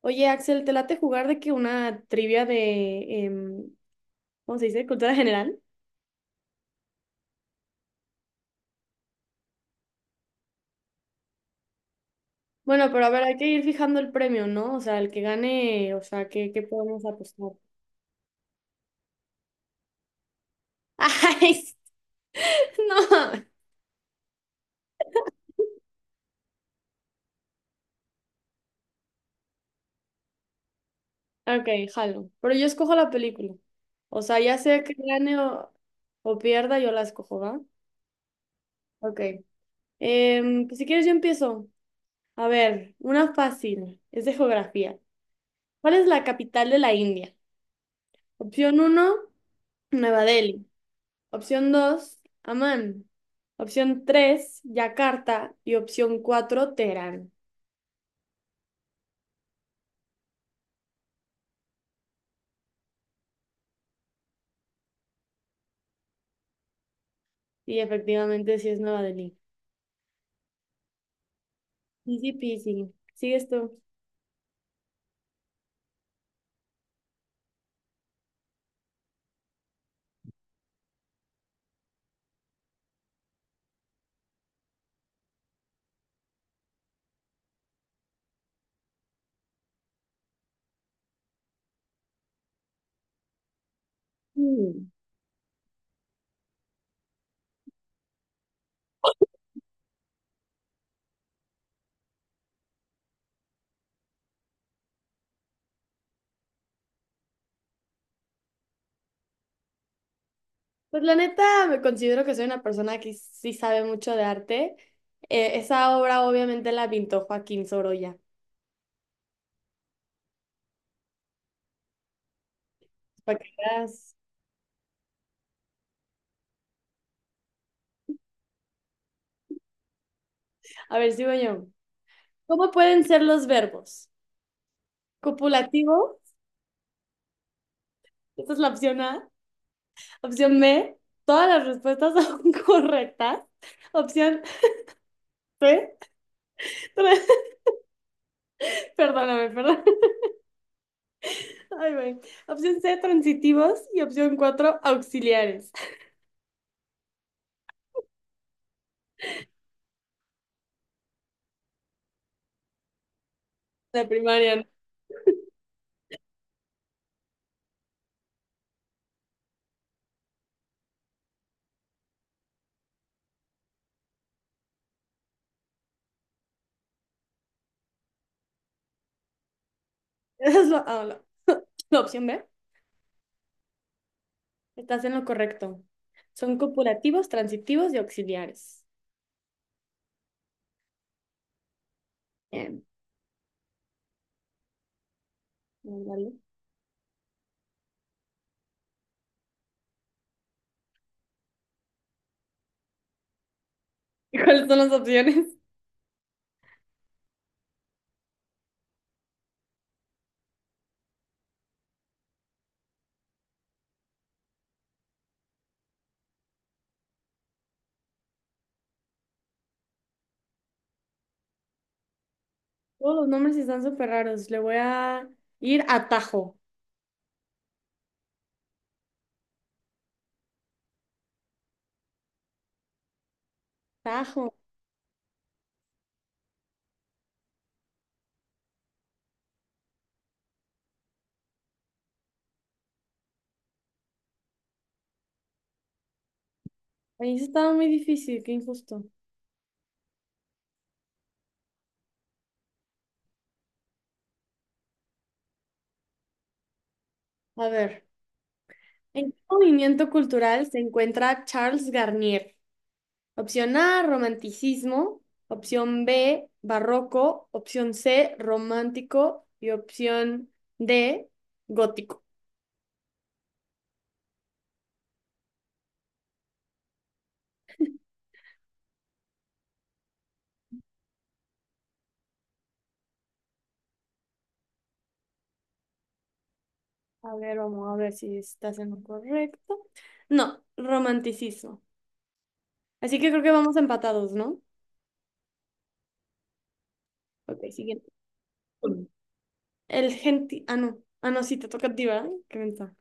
Oye, Axel, ¿te late jugar de que una trivia de, em, ¿cómo se dice? Cultura general. Bueno, pero a ver, hay que ir fijando el premio, ¿no? O sea, el que gane, o sea, ¿qué podemos apostar? ¡Ay! Sí, no. Ok, jalo. Pero yo escojo la película. O sea, ya sea que gane o pierda, yo la escojo, ¿va? Ok. Pues si quieres, yo empiezo. A ver, una fácil. Es de geografía. ¿Cuál es la capital de la India? Opción uno, Nueva Delhi. Opción dos, Amán. Opción tres, Yakarta. Y opción cuatro, Teherán. Y efectivamente sí es Nueva Delhi. Easy peasy. ¿Sigues tú? Mm. Pues la neta, me considero que soy una persona que sí sabe mucho de arte. Esa obra obviamente la pintó Joaquín Sorolla. Para que veas. A ver, sigo yo. ¿Cómo pueden ser los verbos? Copulativo, esta es la opción A. Opción B, todas las respuestas son correctas. Opción C, perdóname, perdón. Ay, güey. Opción C, transitivos. Y opción cuatro, auxiliares. De primaria, ¿no? Esa es la opción B. Estás en lo correcto. Son copulativos, transitivos y auxiliares. Bien. Ándale. ¿Cuáles son las opciones? Todos los nombres están súper raros. Le voy a ir a Tajo. Tajo. Ahí sí estaba muy difícil, qué injusto. A ver. ¿En qué movimiento cultural se encuentra Charles Garnier? Opción A, romanticismo. Opción B, barroco. Opción C, romántico. Y opción D, gótico. A ver, vamos a ver si estás en lo correcto. No, romanticismo. Así que creo que vamos empatados, ¿no? Ok, siguiente. Ah, no. Ah, no, sí, te toca a ti, ¿verdad? Qué ventaja.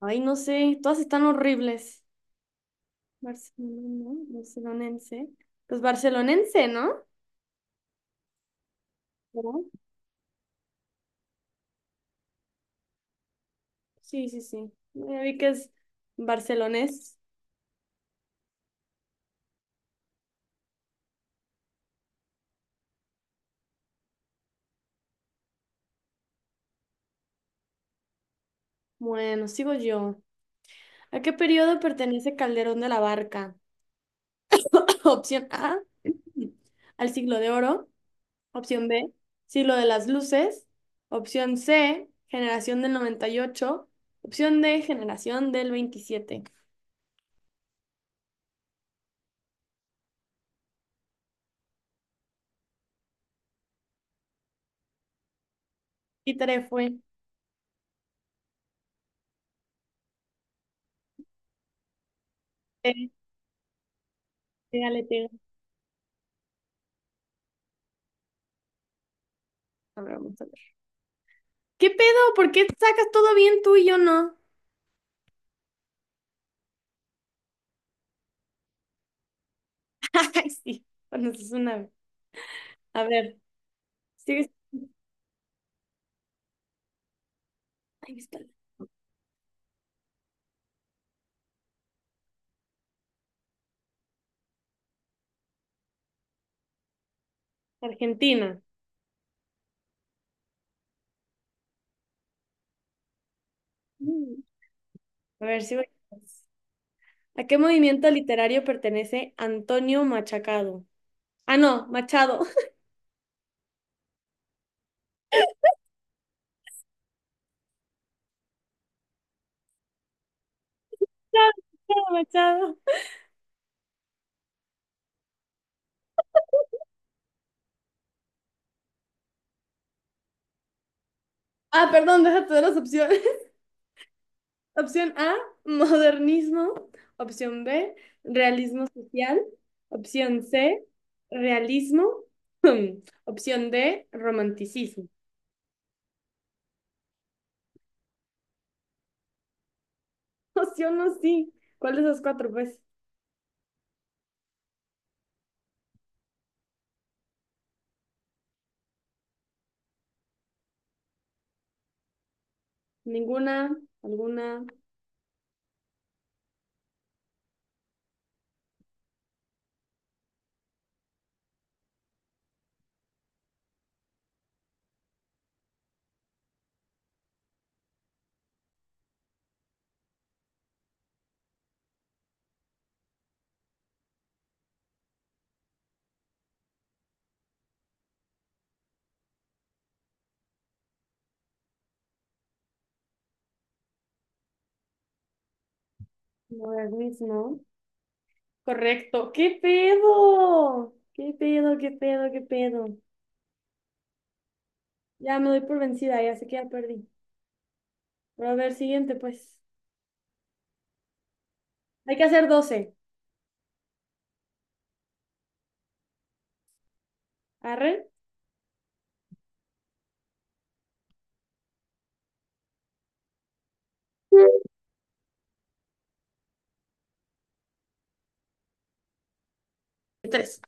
Ay, no sé. Todas están horribles. Barcelona, barcelonense. Pues barcelonense, ¿no? ¿Verdad? Sí, sí, sí. Ya vi que es barcelonés. Bueno, sigo yo. ¿A qué periodo pertenece Calderón de la Barca? Opción A, al siglo de oro. Opción B, siglo de las luces. Opción C, generación del 98. Opción D, generación del 27. Y tarea fue. Eh, Pégale, pégale. A ver, vamos a ver. ¿Qué pedo? ¿Por qué sacas todo bien tú y yo no? Ay, sí. Bueno, eso es una. A ver, sigues. Ay, mi espalda. Argentina. Mm. A ver si ¿A qué movimiento literario pertenece Antonio Machacado? Ah, no, Machado. Machado, Machado. Ah, perdón, deja todas las opciones. Opción A, modernismo. Opción B, realismo social. Opción C, realismo. Opción D, romanticismo. Opción no, sí. ¿Cuál de esas cuatro? Pues ninguna, alguna, modernismo. Correcto. ¿Qué pedo? ¿Qué pedo? ¿Qué pedo? ¿Qué pedo? Ya me doy por vencida, ya sé que ya perdí. Pero a ver, siguiente, pues. Hay que hacer 12. ¿Arre? Tres.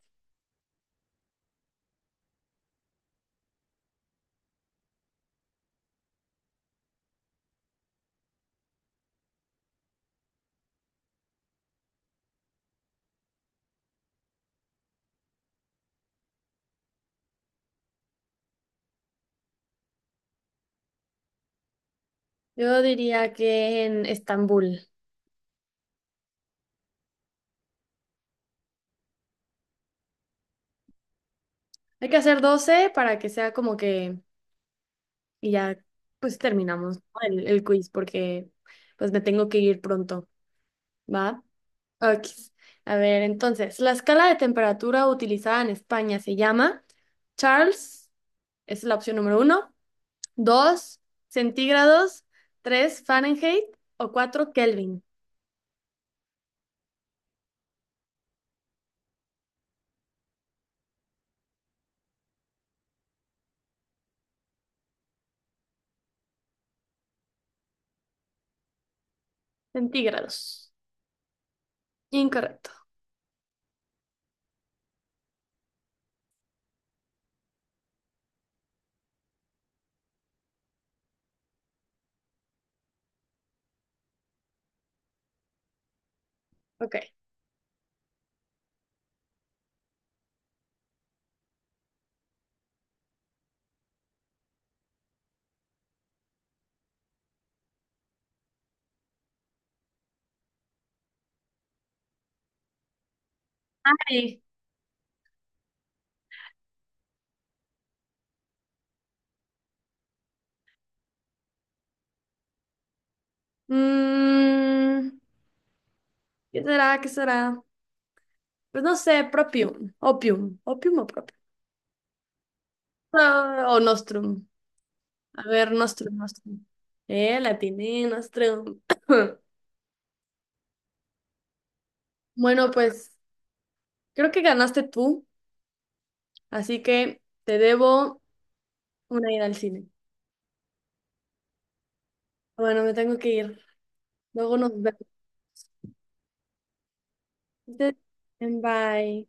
Yo diría que en Estambul. Hay que hacer 12 para que sea como que... Y ya, pues terminamos, ¿no? El quiz porque pues me tengo que ir pronto. ¿Va? Ok. A ver, entonces, la escala de temperatura utilizada en España se llama Charles, esa es la opción número uno. Dos, centígrados; tres, Fahrenheit; o cuatro, Kelvin. Centígrados. Incorrecto. Ok. Ay, mm, ¿qué será? ¿Qué será? Pues no sé, propium, opium, opium o propium. Ah, o nostrum. A ver, nostrum, nostrum. La atiné, nostrum. Bueno, pues creo que ganaste tú, así que te debo una ida al cine. Bueno, me tengo que ir. Luego nos vemos. Bye.